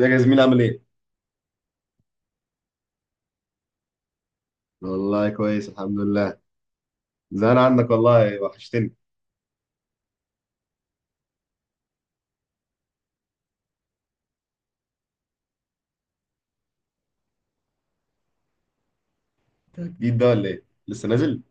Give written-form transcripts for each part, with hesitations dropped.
ازيك يا زميلي؟ عامل ايه؟ والله كويس الحمد لله. زهقان عنك والله، وحشتني. ده جديد ده ولا ايه؟ لسه نازل؟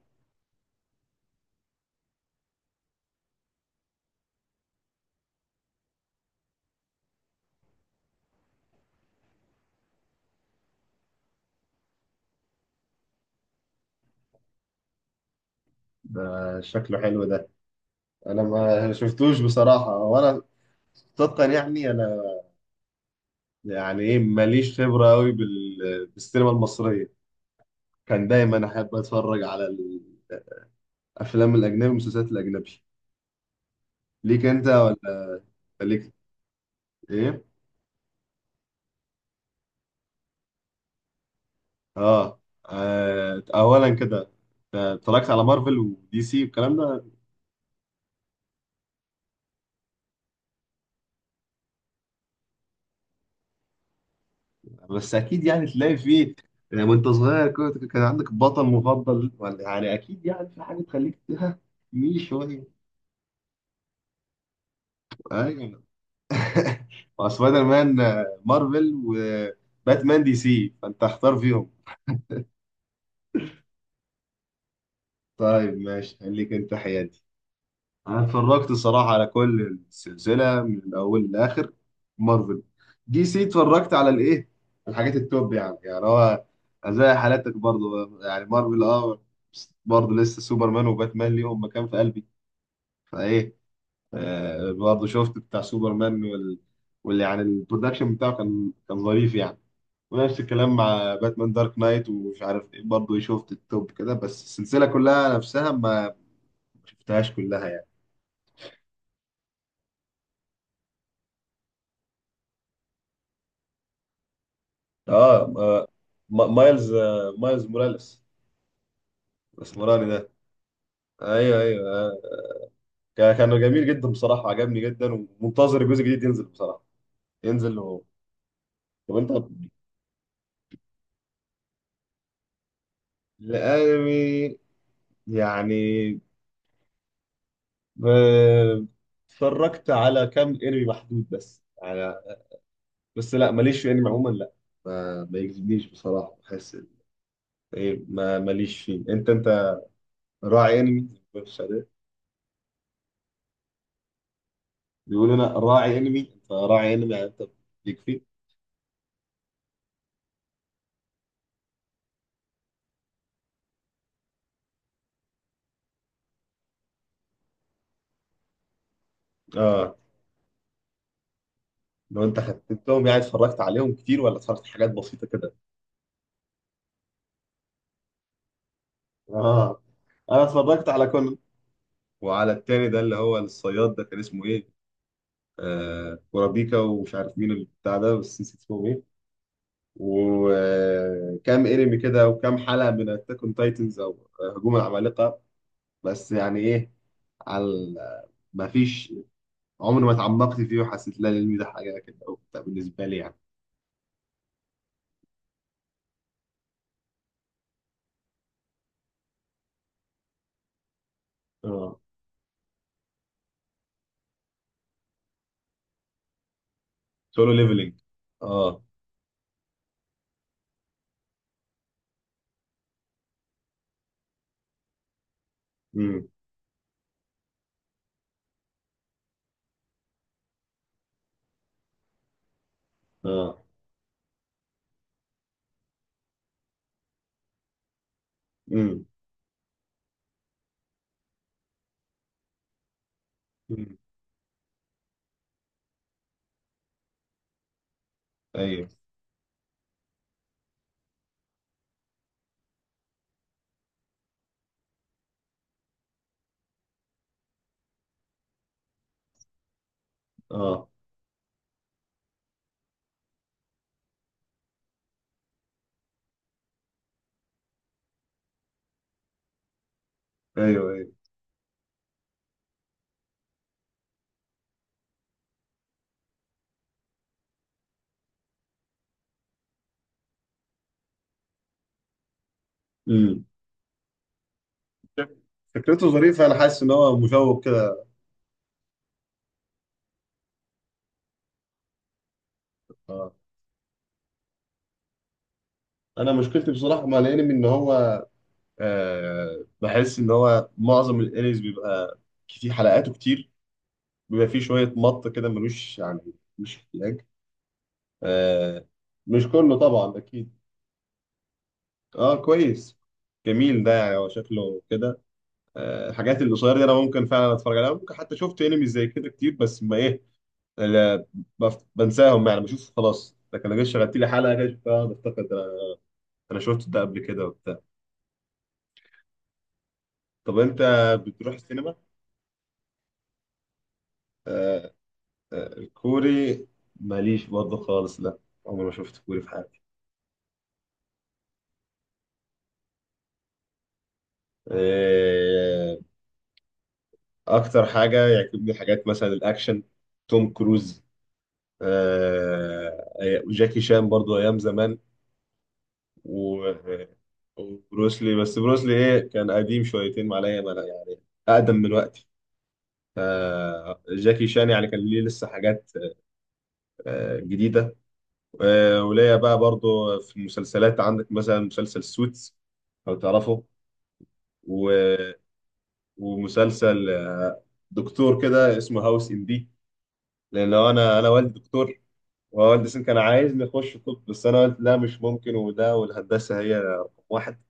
ده شكله حلو ده. انا ما شفتوش بصراحة. وانا صدقا انا يعني ايه ماليش خبرة قوي بالسينما المصرية. كان دايما احب اتفرج على الافلام الاجنبي والمسلسلات الاجنبي. ليك انت ولا ليك ايه؟ اه, اولا كده، اتفرجت على مارفل ودي سي والكلام ده. بس اكيد يعني تلاقي فيه، يعني وانت صغير كنت، كان عندك بطل مفضل؟ ولا يعني اكيد يعني في حاجه تخليك، ها، مين شويه؟ ايوه. مع سبايدر مان، مارفل، وباتمان دي سي، فانت اختار فيهم. طيب ماشي، خليك انت حيادي. انا اتفرجت الصراحه على كل السلسله من الاول للاخر. مارفل، دي سي، اتفرجت على الايه، الحاجات التوب يعني. يعني هو زي حالاتك برضو، يعني مارفل اه. بس برضو لسه سوبرمان وباتمان ليهم مكان في قلبي. فايه، آه برضو شفت بتاع سوبرمان وال، واللي يعني البرودكشن بتاعه كان كان ظريف يعني. ونفس الكلام مع باتمان دارك نايت ومش عارف ايه، برضه شفت التوب كده، بس السلسله كلها نفسها ما شفتهاش كلها يعني. اه. مايلز، مايلز موراليس، الاسمراني ده. ايوه ايوه آه. كان كان جميل جدا بصراحه، عجبني جدا. ومنتظر الجزء الجديد ينزل بصراحه، ينزل هو. طب انت الانمي؟ يعني آه، اتفرجت على كام انمي محدود بس. على بس لا ماليش في انمي عموما لا. ما يجذبنيش بصراحه. بحس ايه، ما ماليش فيه. انت انت راعي انمي؟ بيقول انا راعي انمي. انت راعي انمي يعني، انت ليك فيه؟ اه. لو انت خدتهم يعني اتفرجت عليهم كتير، ولا اتفرجت حاجات بسيطة كده؟ اه. انا اتفرجت على كله. وعلى التاني ده اللي هو الصياد ده، كان اسمه ايه، آه كورابيكا، ومش عارف مين البتاع ده بس نسيت اسمه ايه. وكام انمي كده، وكام حلقة من اتاك اون تايتنز، او هجوم العمالقة. بس يعني ايه، على ما فيش، عمري ما اتعمقت فيه وحسيت لا الانمي ده حاجة كده او بتاع بالنسبة لي يعني. اه. سولو ليفلينج. اه. امم. اه. امم. امم. ايوه. اه. ايوه ايوه. امم. فكرته ظريفه، انا حاسس ان هو مشوق كده. اه. انا مشكلتي بصراحه مع الانمي ان هو، آه بحس ان هو معظم الانميز بيبقى كتير، حلقاته كتير. بيبقى فيه شويه مط كده، ملوش يعني مش احتياج. آه. مش كله طبعا اكيد. اه كويس. جميل ده، يعني هو شكله كده. آه الحاجات القصيره دي انا ممكن فعلا اتفرج عليها. ممكن حتى شفت انمي زي كده كتير، بس ما ايه، لا بنساهم يعني، بشوف خلاص. لكن لو جيت شغلت لي حلقه كده، بقعد افتكر ده انا شفت ده قبل كده وبتاع. طب انت بتروح السينما؟ آه الكوري، ماليش برضه خالص لا، عمري ما شفت كوري في حياتي. آه، اكتر حاجه يعجبني حاجات مثلا الاكشن، توم كروز، آه، وجاكي شان برضه ايام زمان. و، وبروسلي، بس بروسلي ايه، كان قديم شويتين معايا يعني، اقدم من وقتي. جاكي شان يعني كان ليه لسه حاجات جديدة. وليا بقى برضو في المسلسلات، عندك مثلا مسلسل سوتس، لو تعرفه. و... ومسلسل دكتور كده اسمه هاوس ام دي. لأن لو أنا والدي دكتور، ووالدي سن كان عايزني أخش طب، بس أنا قلت لا مش ممكن، وده والهندسة هي رقم واحد.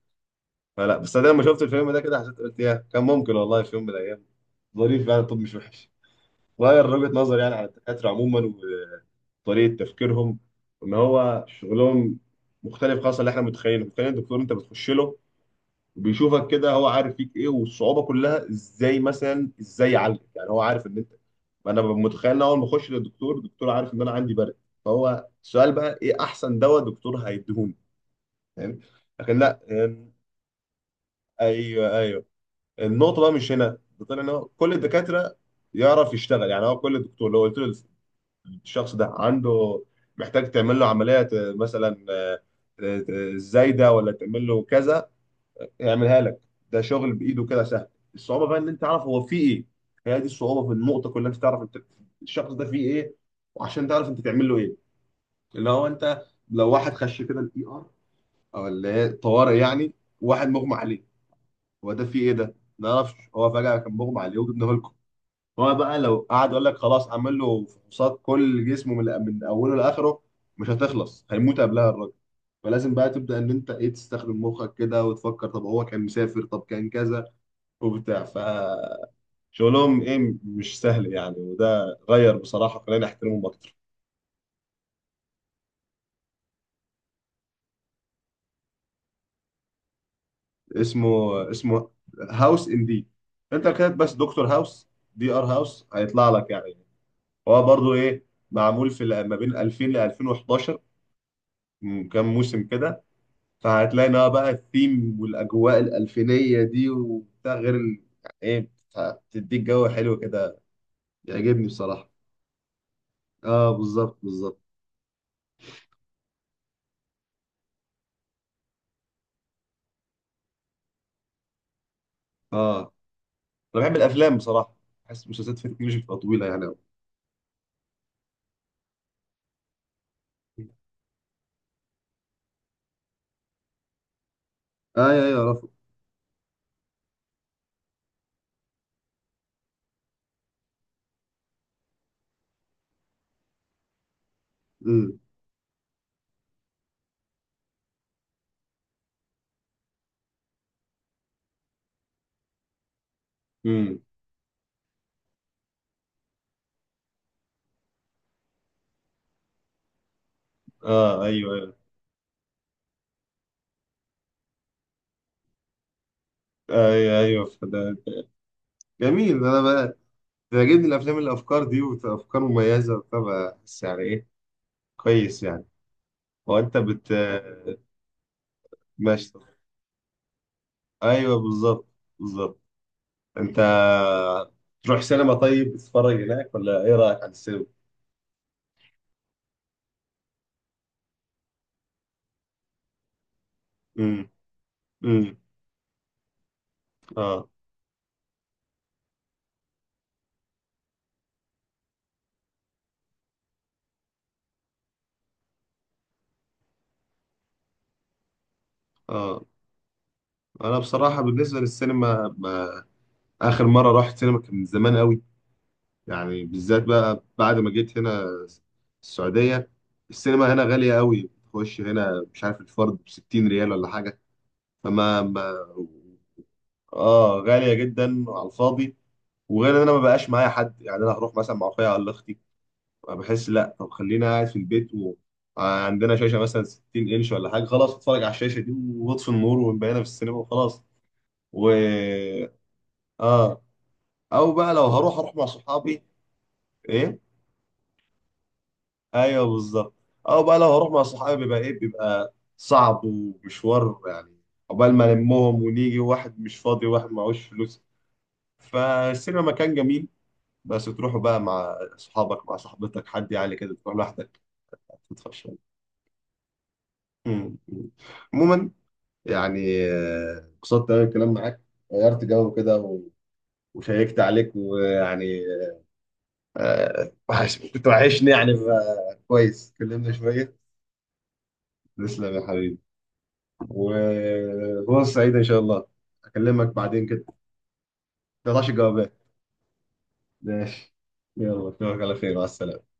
فلا، بس أنا لما شفت الفيلم ده كده حسيت، قلت يا كان ممكن والله في يوم من الأيام. ظريف يعني، الطب مش وحش. غير وجهة نظري يعني على الدكاترة عموما، طريقه تفكيرهم، ان هو شغلهم مختلف خالص عن اللي احنا متخيلينه. متخيل الدكتور انت بتخش له وبيشوفك كده، هو عارف فيك ايه، والصعوبه كلها ازاي مثلا ازاي يعالجك. يعني هو عارف ان انت، انا ببقى متخيل ان اول ما اخش للدكتور، الدكتور عارف ان انا عندي برد، فهو السؤال بقى ايه احسن دواء دكتور هيديهوني، فاهم؟ لكن لا يعني. ايوه ايوه. النقطه بقى مش هنا. ده طلع ان هو كل الدكاتره يعرف يشتغل. يعني هو كل دكتور لو قلت له الشخص ده عنده، محتاج تعمل له عملية مثلا زايدة، ولا تعمل له كذا، يعملها لك. ده شغل بإيده كده سهل. الصعوبة بقى إن أنت تعرف هو فيه إيه. هي دي الصعوبة في النقطة كلها، أنت تعرف أنت الشخص ده فيه إيه، وعشان تعرف أنت تعمل له إيه. اللي هو أنت لو واحد خش كده الإي آر، أو اللي هي الطوارئ يعني، واحد مغمى عليه، هو ده فيه إيه ده؟ ما نعرفش، هو فجأة كان مغمى عليه وجبناه. هو بقى لو قعد يقول لك خلاص اعمل له فحوصات كل جسمه من اوله لاخره، مش هتخلص، هيموت قبلها الراجل. فلازم بقى تبدا ان انت ايه، تستخدم مخك كده وتفكر طب هو كان مسافر، طب كان كذا وبتاع. فشغلهم ايه مش سهل يعني، وده غير بصراحه خلاني احترمهم اكتر. اسمه، اسمه هاوس ان دي. انت كاتب بس دكتور هاوس، دي ار هاوس هيطلع لك يعني. هو برضو ايه، معمول في ما بين 2000 ل 2011، كام موسم كده. فهتلاقي إنها بقى الثيم والاجواء الالفينيه دي وبتاع، غير يعني ايه، بتديك جو حلو كده، بيعجبني بصراحه. اه بالظبط بالظبط. اه انا بحب الافلام بصراحه، بحس المسلسلات في مش بتبقى طويله يعني أوي. اه ايوه ايوه عرفت. امم. امم. اه ايوه ايوه. ايوه ايوه فده جميل. انا بقى بيعجبني الافلام اللي الافكار دي، وافكار مميزه وبتاع، بحس يعني ايه كويس يعني. هو انت بت، ماشي. ايوه بالظبط بالظبط. انت تروح سينما؟ طيب تتفرج هناك؟ ولا ايه رايك عن السينما؟ امم. امم. اه. اه. انا بصراحه بالنسبه للسينما ما، اخر مره رحت سينما كان من زمان قوي. يعني بالذات بقى بعد ما جيت هنا السعوديه، السينما هنا غاليه قوي، تخش هنا مش عارف الفرد ب 60 ريال ولا حاجه، فما ما، اه غاليه جدا على الفاضي. وغير ان انا ما بقاش معايا حد، يعني انا هروح مثلا مع اخويا ولا اختي، بحس لا طب خلينا قاعد في البيت. وعندنا شاشه مثلا 60 انش ولا حاجه، خلاص اتفرج على الشاشه دي، واطفي النور ونبقينا في السينما وخلاص. و، اه، او بقى لو هروح اروح مع صحابي. ايه. ايوه بالظبط. او بقى لو هروح مع صحابي بيبقى ايه، بيبقى صعب ومشوار يعني، عقبال ما نلمهم ونيجي، واحد مش فاضي وواحد معهوش فلوس. فالسينما مكان جميل، بس تروحوا بقى مع صحابك مع صاحبتك، حد يعني كده، تروح لوحدك هتدفع شوية. مم. مم. عموما يعني انبسطت قوي الكلام معاك، غيرت جو كده و، وشيكت عليك ويعني كنت وحشني يعني، كويس اتكلمنا شوية. تسلم يا حبيبي. وفرصة سعيدة إن شاء الله، أكلمك بعدين كده. ما تقطعش الجوابات. ماشي، يلا أشوفك على خير، مع السلامة.